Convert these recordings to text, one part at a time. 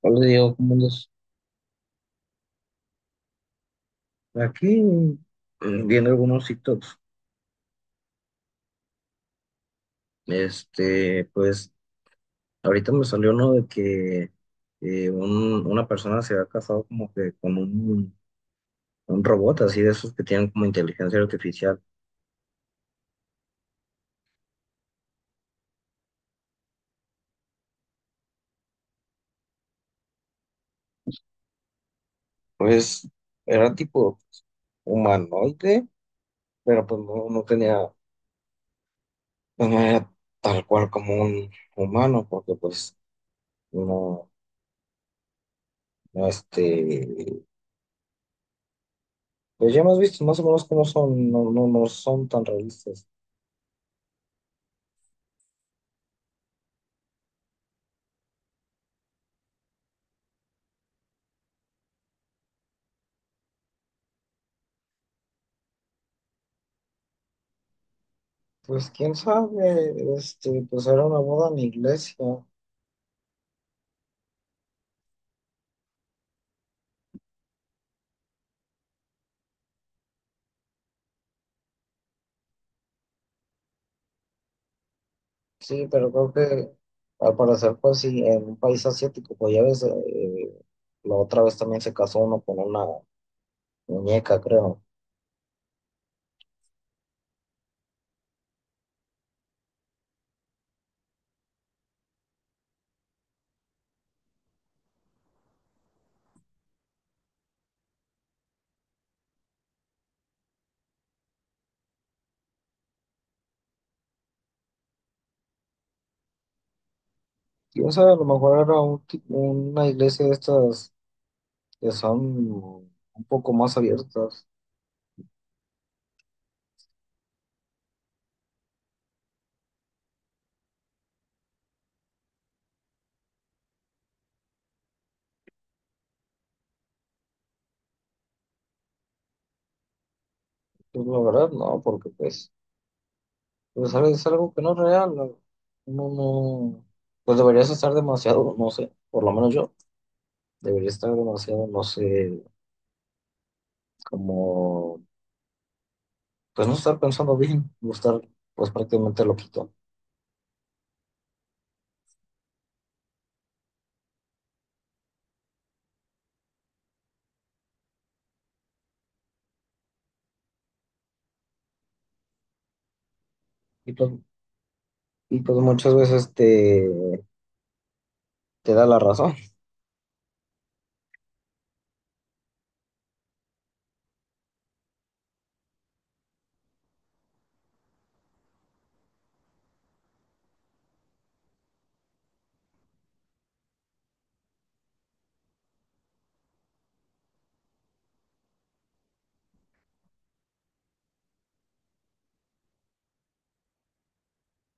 Hola Diego, ¿cómo andas? Aquí viendo algunos TikToks. Pues ahorita me salió uno de que una persona se ha casado como que con un robot así de esos que tienen como inteligencia artificial. Pues era tipo humanoide, pero pues no tenía, pues, no era tal cual como un humano, porque pues no, no. Pues ya hemos visto más o menos cómo son, no, no, no son tan realistas. Pues quién sabe, pues era una boda en iglesia, sí, pero creo que al parecer pues sí, en un país asiático, pues ya ves, la otra vez también se casó uno con una muñeca, creo. Quién sabe, a lo mejor era un una iglesia de estas que son un poco más abiertas. Pues la verdad no, porque pues sabes es algo que no es real, no, no, no, pues deberías estar demasiado, no sé, por lo menos yo, debería estar demasiado, no sé como pues no estar pensando bien, o estar pues prácticamente loquito. Y pues, y pues muchas veces te da la razón.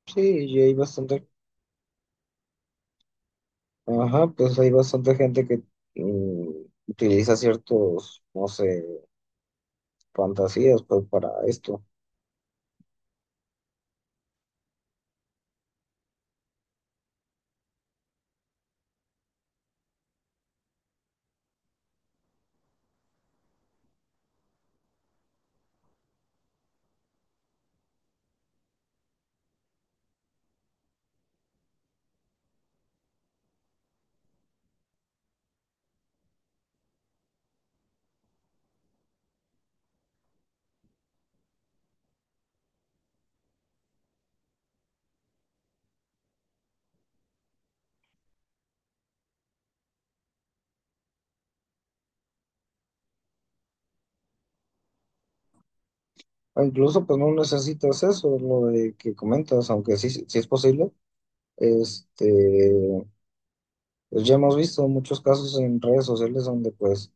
Sí, y hay bastante, ajá, pues hay bastante gente que mm, utiliza ciertos, no sé, fantasías pues para esto. O incluso pues no necesitas eso, lo de que comentas, aunque sí, sí es posible. Este, pues ya hemos visto muchos casos en redes sociales donde pues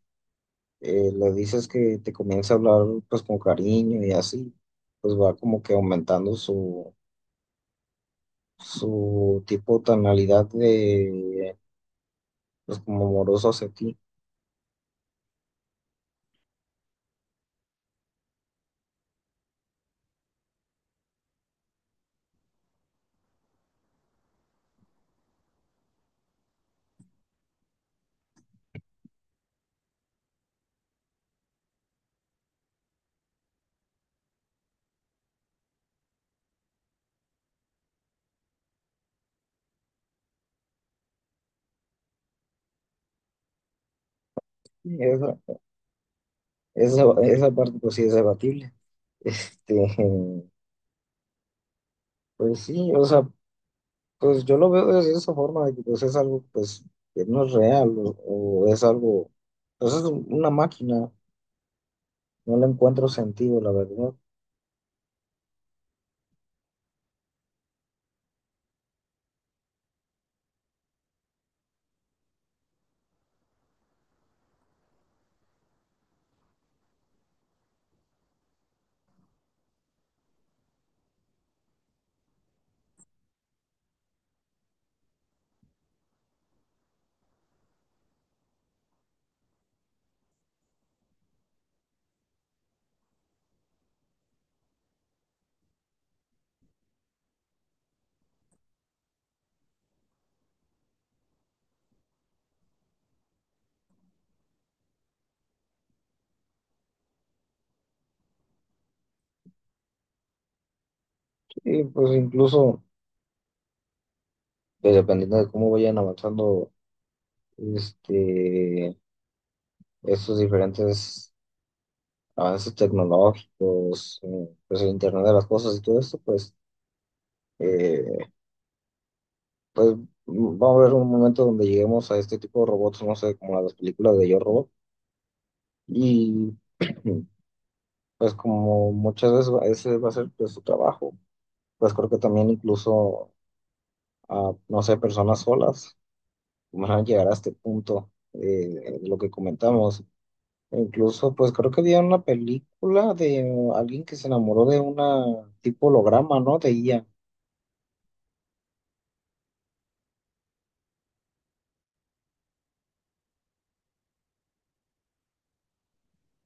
le dices que te comienza a hablar pues con cariño y así, pues va como que aumentando su tipo tonalidad de pues como amoroso hacia ti. Esa, esa parte pues sí es debatible. Este, pues sí, o sea, pues yo lo veo de esa forma de que pues es algo pues que no es real o es algo, pues es una máquina, no le encuentro sentido, la verdad. Y pues incluso pues, dependiendo de cómo vayan avanzando este, estos diferentes avances tecnológicos, pues el Internet de las cosas y todo esto, pues, eh, pues va a haber un momento donde lleguemos a este tipo de robots, no sé, como las películas de Yo Robot, y pues como muchas veces ese va a ser pues, su trabajo. Pues creo que también incluso a, no sé, personas solas van a llegar a este punto de lo que comentamos. Incluso, pues creo que había una película de alguien que se enamoró de una tipo holograma, ¿no? De IA.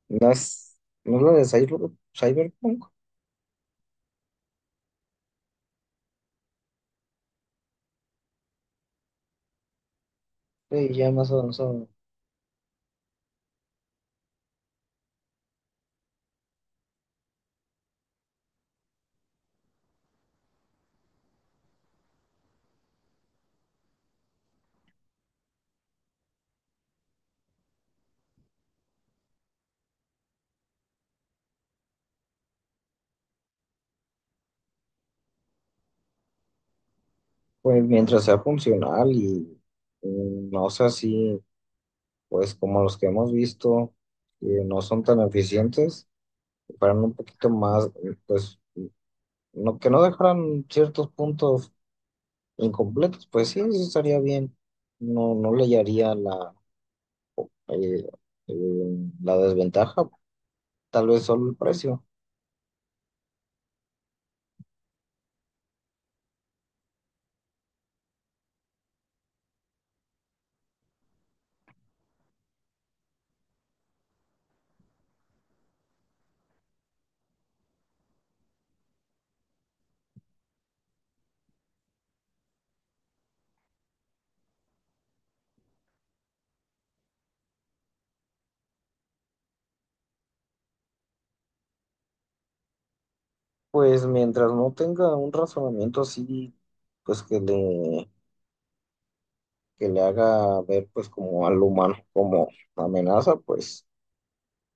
No es, no es la de Cyberpunk, de IA más avanzado. Pues mientras sea funcional y no sea así, pues como los que hemos visto, que no son tan eficientes, que fueran un poquito más, pues no, que no dejaran ciertos puntos incompletos, pues sí, eso estaría bien. No, no le hallaría la Eh, eh, la desventaja, tal vez solo el precio. Pues mientras no tenga un razonamiento así, pues que que le haga ver pues como al humano como amenaza, pues,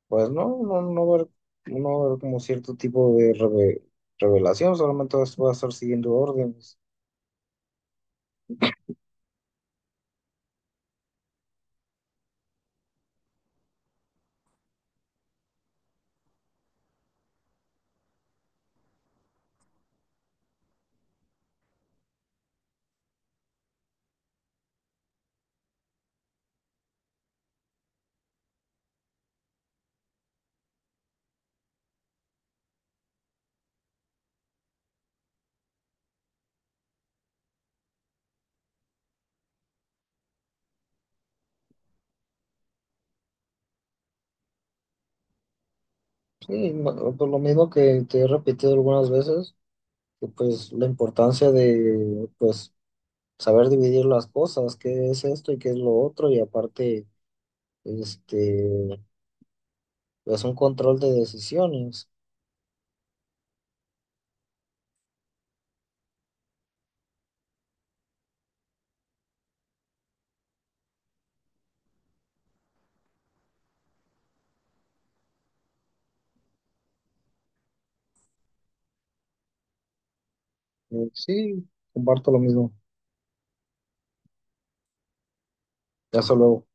pues no, no, no va a haber, no va a haber como cierto tipo de revelación, solamente va a estar siguiendo órdenes. Sí, no, por lo mismo que te he repetido algunas veces, que pues la importancia de pues saber dividir las cosas, qué es esto y qué es lo otro, y aparte Este, es un control de decisiones. Sí, comparto lo mismo. Ya solo